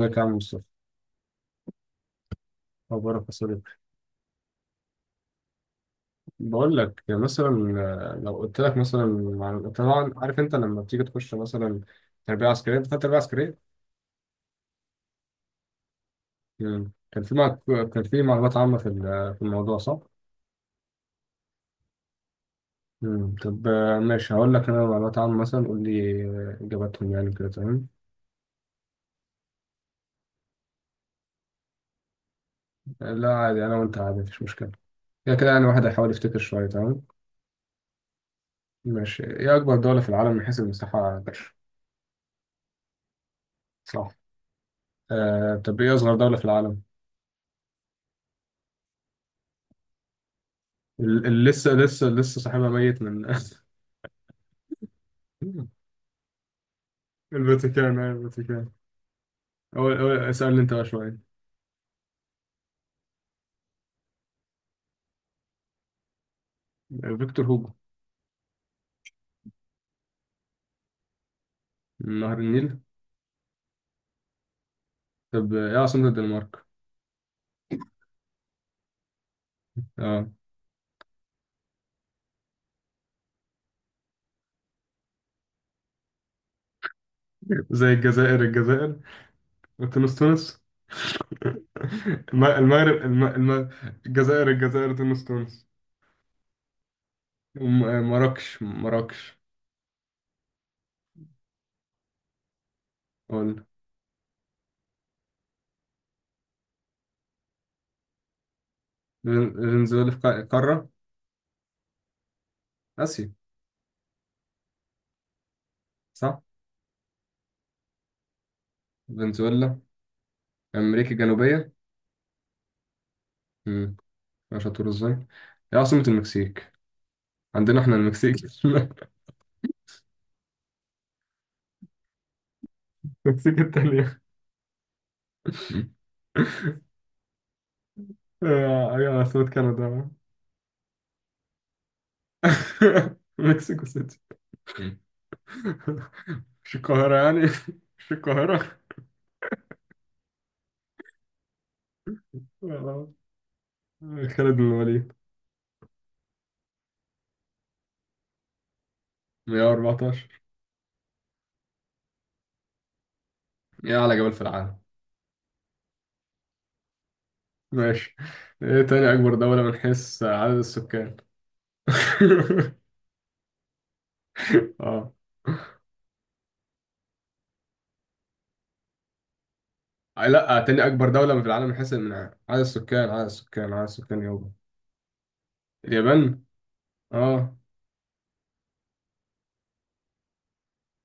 ازيك يا عم مصطفى؟ اخبارك يا صديقي؟ بقول لك مثلا. لو قلت لك مثلا. طبعا عارف انت لما بتيجي تخش مثلا تربيه عسكريه، انت خدت تربيه عسكريه. مم. كان في كان في معلومات عامه في في الموضوع، صح؟ مم. طب ماشي، هقول لك انا معلومات عامه مثلا، قول لي اجاباتهم يعني كده تمام. لا عادي، انا وانت عادي مفيش مشكله. كده كده يعني واحد هيحاول يفتكر شويه، تمام. ماشي، ايه اكبر دوله في العالم من حيث المساحه يا باشا؟ صح. طب ايه اصغر دوله في العالم؟ لسه صاحبها ميت من الفاتيكان، الفاتيكان. أول اسألني أنت بقى شوية. فيكتور هوجو. نهر النيل. طب إيه عاصمة الدنمارك؟ أه. زي الجزائر الجزائر وتونس تونس. المغرب الجزائر الجزائر تونس تونس. مراكش مراكش. قول. فنزويلا في قارة آسيا، صح؟ فنزويلا أمريكا الجنوبية. مم. مش هتقول إزاي؟ إيه عاصمة المكسيك؟ عندنا احنا المكسيك. المكسيك التانية. ايوه، عاصمة كندا. مكسيكو سيتي. مش القاهرة يعني مش القاهرة. آه، خالد بن الوليد. 114. ايه أعلى جبل في العالم؟ ماشي. ايه تاني أكبر دولة من حيث عدد السكان؟ اه. لا، تاني أكبر دولة في العالم من حيث من عدد السكان، عدد السكان، عدد السكان يابا. اليابان. اه.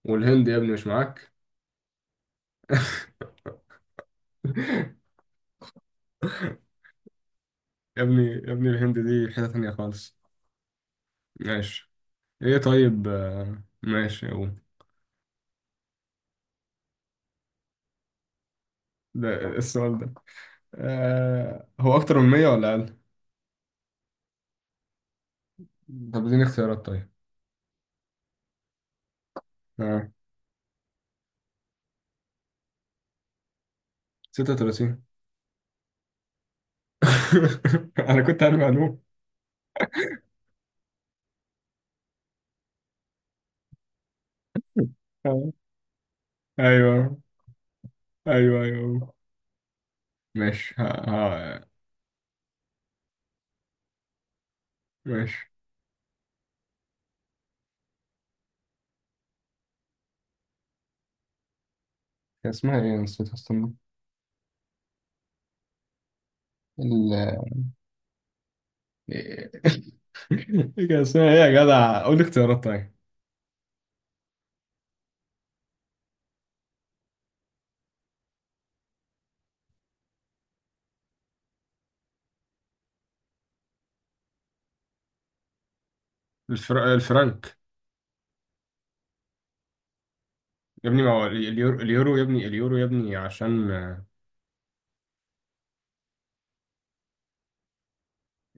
والهند يا ابني، مش معاك؟ يا ابني الهند دي حتة تانية خالص. ماشي. ايه طيب ماشي، هو ده السؤال ده آه، هو أكتر من 100 ولا أقل؟ طب اديني اختيارات طيب. آه. 36. أنا كنت عارف معلومة. آه. أيوه أيوه أيوه. ماشي، ها ها، ماشي. كان اسمها إيه؟ نسيت أصلا. ال... إيه كان اسمها إيه يا جدع؟ قول لي اختيارات طيب. الفرنك. يا ابني ما هو اليورو، اليورو يا ابني عشان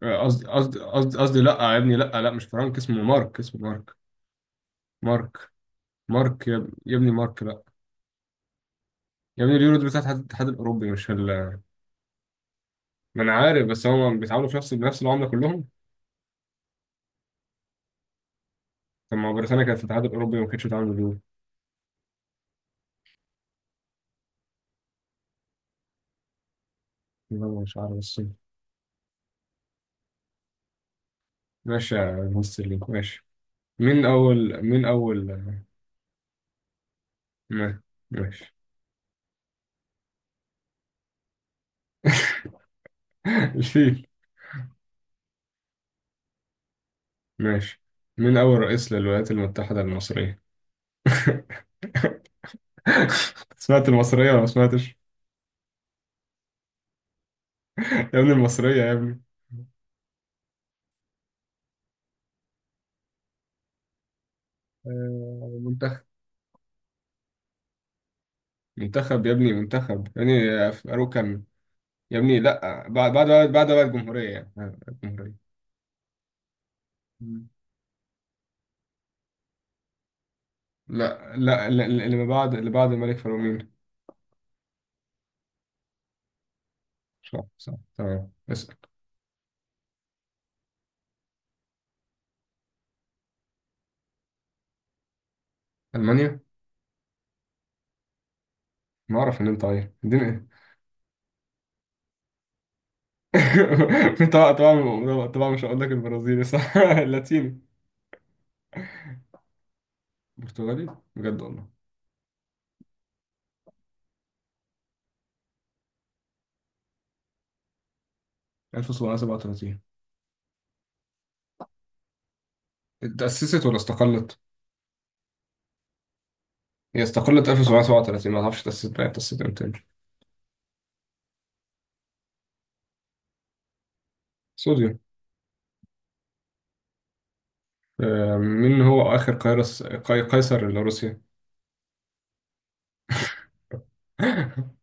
قصدي، قصدي، لا يا ابني، لا لا، مش فرانك، اسمه مارك، اسمه مارك، مارك، مارك يا يا ابني، مارك، لا. يا ابني اليورو دول بتاعت الاتحاد الاوروبي، مش ال... ما انا عارف، بس هم بيتعاملوا في بنفس العمله كلهم. طب ما هو بريطانيا كانت في الاتحاد الاوروبي وما كانتش بتتعامل باليورو. لا، مش عارف بس. ماشي يا مستر لينك، ماشي. مين اول ما- ماشي. الفيل. ماشي. مين اول رئيس للولايات المتحده المصريه؟ سمعت المصرية ولا ما سمعتش؟ يا ابني المصرية يا ابني. منتخب. منتخب يا ابني، منتخب يا ابني في أروكان. يا ابني لا، بعد بقى الجمهورية يعني الجمهورية. مم. اللي ما بعد، اللي بعد الملك فاروق مين؟ صح صح، تمام، اسأل. ألمانيا؟ ما أعرف إن أنت عيل، اديني. إيه؟ طبعا مش هقول لك البرازيلي، صح؟ اللاتيني. برتغالي بجد والله. 1737. اتأسست ولا استقلت؟ هي استقلت 1737، ما اعرفش تأسست، بقى تأسست امتى؟ صوديوم. مين هو آخر قيصر لروسيا؟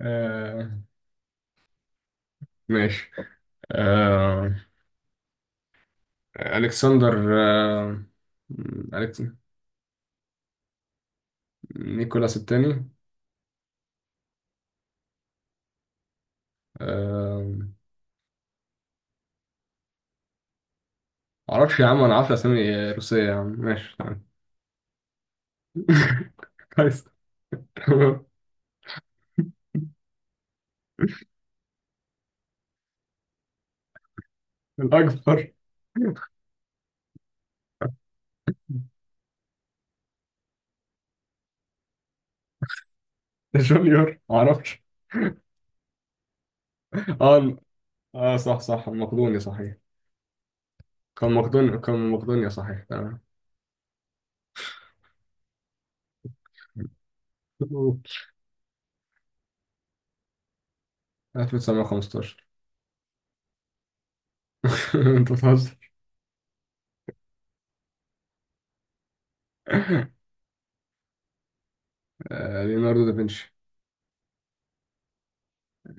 آه، ماشي. آه، ألكسندر ألكس نيكولاس الثاني. آه، معرفش يا عم، أنا عارف أسامي روسية يا عم، ماشي تمام. قيصر، تمام. الأكبر. جونيور، معرفش. اه. صح صح، المقدوني صحيح. كان مقدونيا، صحيح تمام. 1915. انت بتهزر. ليوناردو دافنشي.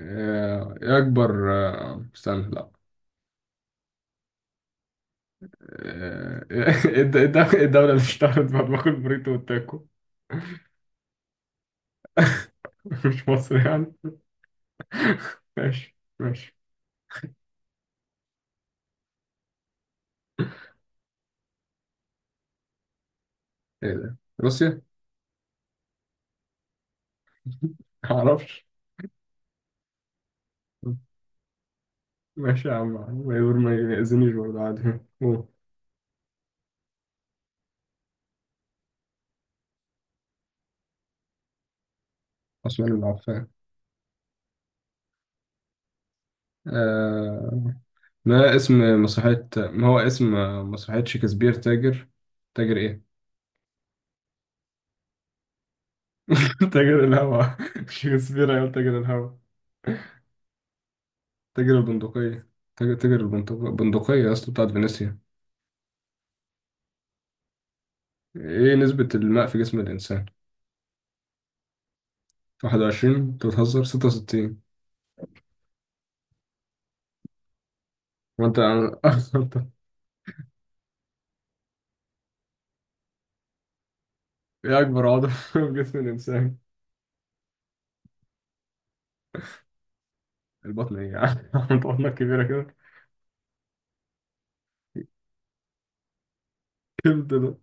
ايه اكبر استنى لا. ايه إيه الدولة اللي اشتهرت بمطبخ البوريتو والتاكو؟ مش مصر يعني. ماشي. ايه ده، روسيا؟ معرفش. ماشي يا عم، ما يقول ما يأذنيش برضه عادي. أوه. عثمان بن عفان. آه، ما هو اسم مسرحية شكسبير، تاجر، تاجر ايه؟ تاجر الهوا. مش شكسبير، أيوة تاجر الهوا. تاجر البندقية. تاجر البندقية، البندقية أصلا بتاعت فينيسيا. ايه نسبة الماء في جسم الإنسان؟ 21، انت بتهزر، 66. وانت عن- انت. ايه أكبر عضو في جسم الإنسان؟ البطن؟ ايه يعني؟ انت بطنك كبيرة كده. جلد ده.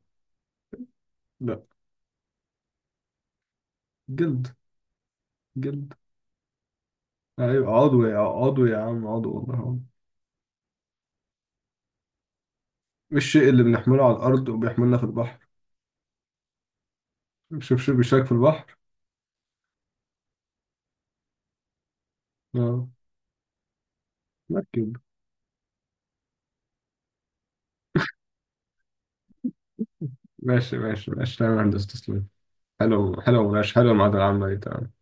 لا. جلد. جلد. ايوه عضو، يا عضو يا عم، عضو والله عضو. الشيء اللي بنحمله على الأرض وبيحملنا في البحر. شوف شوف، بيشارك في البحر. اه. مركب. ماشي ماشي تمام، يا هندسة تسلم. حلو، حلو ماشي حلو المعادلة العامة دي تمام.